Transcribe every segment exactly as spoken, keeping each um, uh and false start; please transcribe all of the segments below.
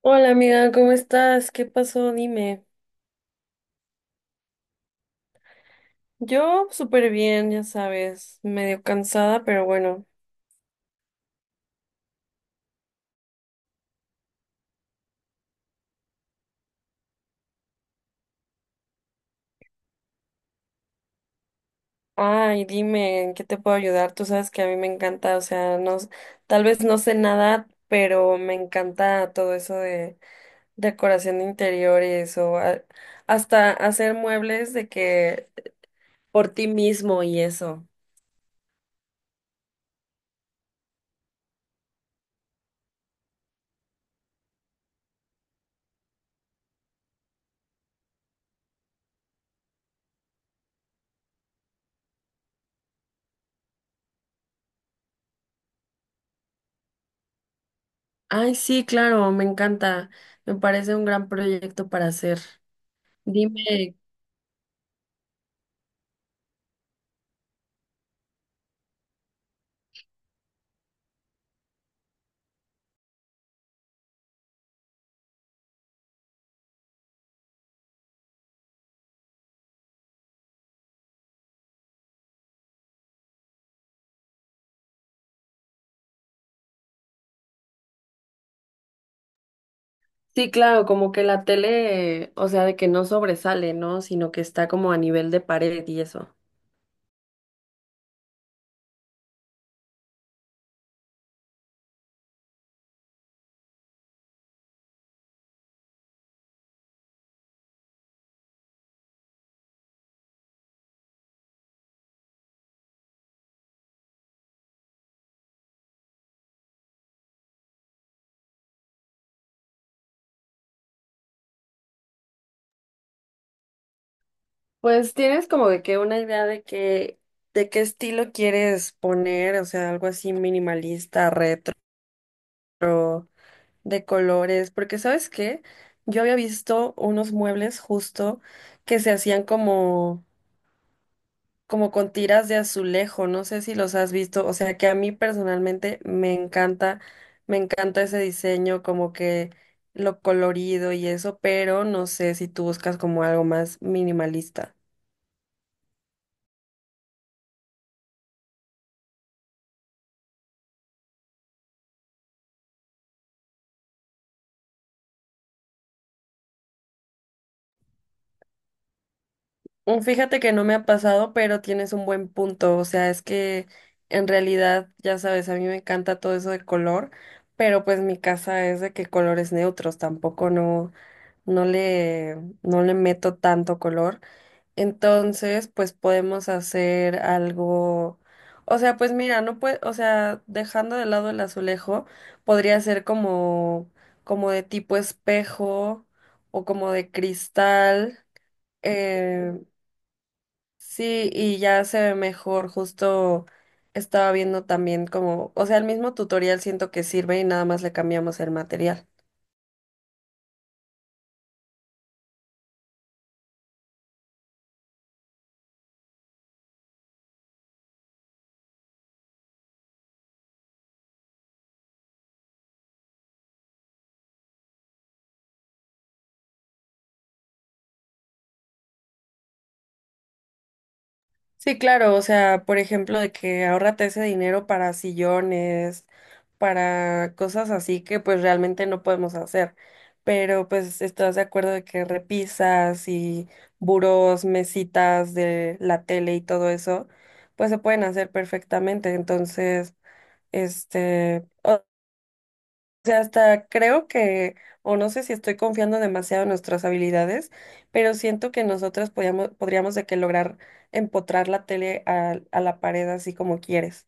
Hola amiga, ¿cómo estás? ¿Qué pasó? Dime. Yo súper bien, ya sabes, medio cansada, pero bueno. Ay, dime, ¿en qué te puedo ayudar? Tú sabes que a mí me encanta, o sea, no, s- tal vez no sé nada, pero me encanta todo eso de decoración de interiores o a- hasta hacer muebles de que por ti mismo y eso. Ay, sí, claro, me encanta. Me parece un gran proyecto para hacer. Dime. Sí, claro, como que la tele, o sea, de que no sobresale, ¿no? Sino que está como a nivel de pared y eso. Pues tienes como de que una idea de que, de qué estilo quieres poner, o sea, algo así minimalista, retro, de colores, porque ¿sabes qué? Yo había visto unos muebles justo que se hacían como como con tiras de azulejo, no sé si los has visto, o sea que a mí personalmente me encanta, me encanta ese diseño, como que lo colorido y eso, pero no sé si tú buscas como algo más minimalista. Mm, fíjate que no me ha pasado, pero tienes un buen punto, o sea, es que en realidad, ya sabes, a mí me encanta todo eso de color, pero pues mi casa es de que colores neutros, tampoco no, no le, no le meto tanto color. Entonces, pues podemos hacer algo, o sea, pues mira, no puede, o sea, dejando de lado el azulejo, podría ser como, como de tipo espejo o como de cristal. eh, sí, y ya se ve mejor, justo estaba viendo también como, o sea, el mismo tutorial siento que sirve y nada más le cambiamos el material. Sí, claro, o sea, por ejemplo, de que ahorrate ese dinero para sillones, para cosas así que pues realmente no podemos hacer. Pero pues estás de acuerdo de que repisas y burós, mesitas de la tele y todo eso, pues se pueden hacer perfectamente. Entonces, este, sea, hasta creo que, o no sé si estoy confiando demasiado en nuestras habilidades, pero siento que nosotras podíamos, podríamos de que lograr empotrar la tele a, a la pared así como quieres.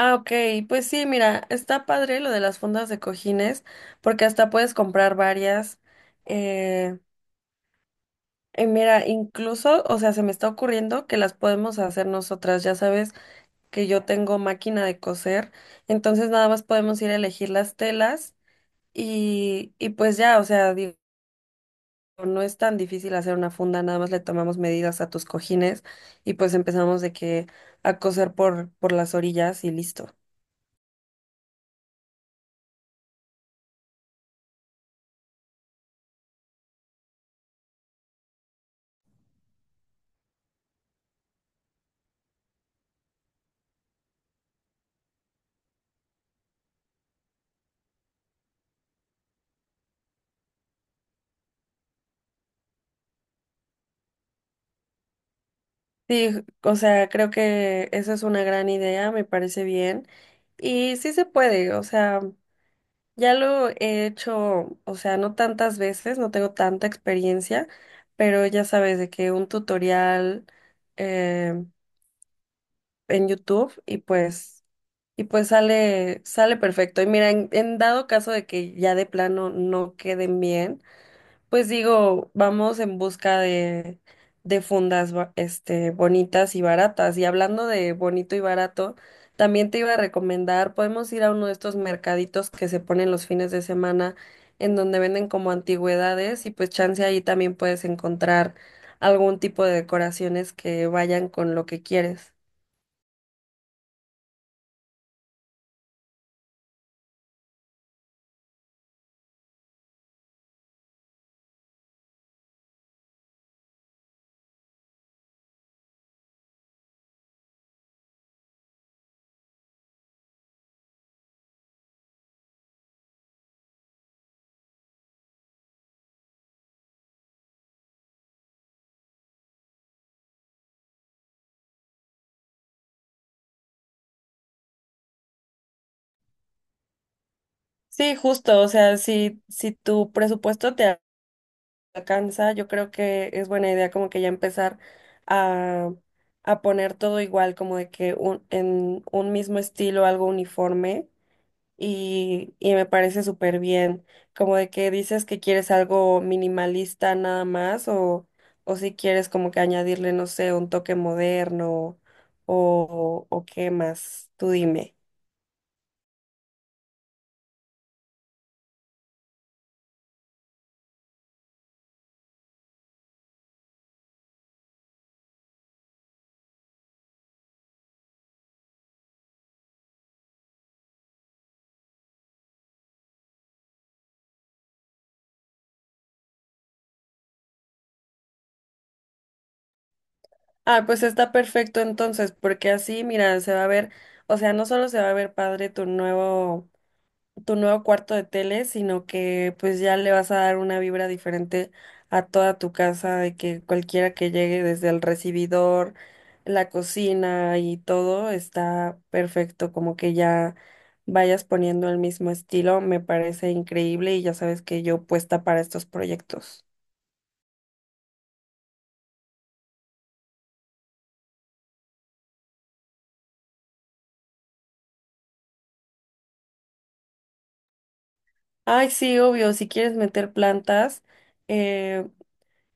Ah, ok, pues sí, mira, está padre lo de las fundas de cojines, porque hasta puedes comprar varias. Eh, y mira, incluso, o sea, se me está ocurriendo que las podemos hacer nosotras. Ya sabes que yo tengo máquina de coser, entonces nada más podemos ir a elegir las telas. Y, y pues ya, o sea, digo, no es tan difícil hacer una funda, nada más le tomamos medidas a tus cojines y pues empezamos de que a coser por, por las orillas y listo. Sí, o sea, creo que esa es una gran idea, me parece bien. Y sí se puede, o sea, ya lo he hecho, o sea, no tantas veces, no tengo tanta experiencia, pero ya sabes de que un tutorial eh, en YouTube y pues. Y pues sale, sale perfecto. Y mira, en, en dado caso de que ya de plano no queden bien, pues digo, vamos en busca de, de fundas ba- este, bonitas y baratas. Y hablando de bonito y barato, también te iba a recomendar, podemos ir a uno de estos mercaditos que se ponen los fines de semana, en donde venden como antigüedades, y pues chance ahí también puedes encontrar algún tipo de decoraciones que vayan con lo que quieres. Sí, justo, o sea, si, si tu presupuesto te alcanza, yo creo que es buena idea como que ya empezar a, a poner todo igual, como de que un, en un mismo estilo, algo uniforme, y, y me parece súper bien, como de que dices que quieres algo minimalista nada más, o, o si quieres como que añadirle, no sé, un toque moderno, o, o qué más, tú dime. Ah, pues está perfecto entonces, porque así, mira, se va a ver, o sea, no solo se va a ver padre tu nuevo, tu nuevo cuarto de tele, sino que pues ya le vas a dar una vibra diferente a toda tu casa, de que cualquiera que llegue desde el recibidor, la cocina y todo está perfecto, como que ya vayas poniendo el mismo estilo, me parece increíble y ya sabes que yo puesta para estos proyectos. Ay, sí, obvio, si quieres meter plantas. eh,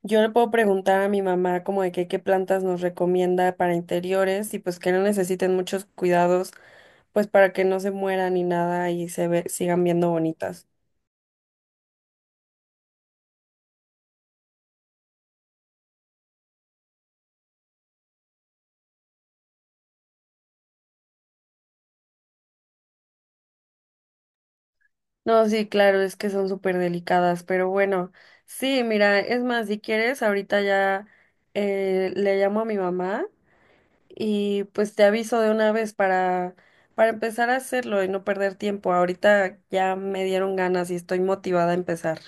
Yo le puedo preguntar a mi mamá como de que qué plantas nos recomienda para interiores y pues que no necesiten muchos cuidados, pues para que no se mueran ni nada y se ve- sigan viendo bonitas. No, sí, claro, es que son súper delicadas, pero bueno, sí, mira, es más, si quieres, ahorita ya eh, le llamo a mi mamá y pues te aviso de una vez para, para empezar a hacerlo y no perder tiempo. Ahorita ya me dieron ganas y estoy motivada a empezar.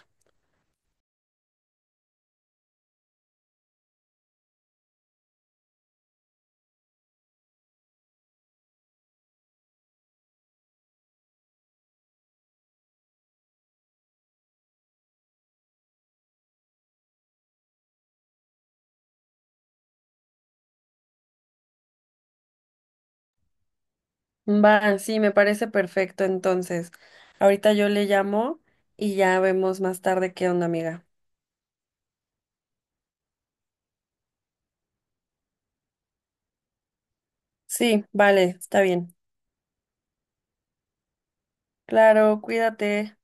Va, sí, me parece perfecto. Entonces, ahorita yo le llamo y ya vemos más tarde qué onda, amiga. Sí, vale, está bien. Claro, cuídate.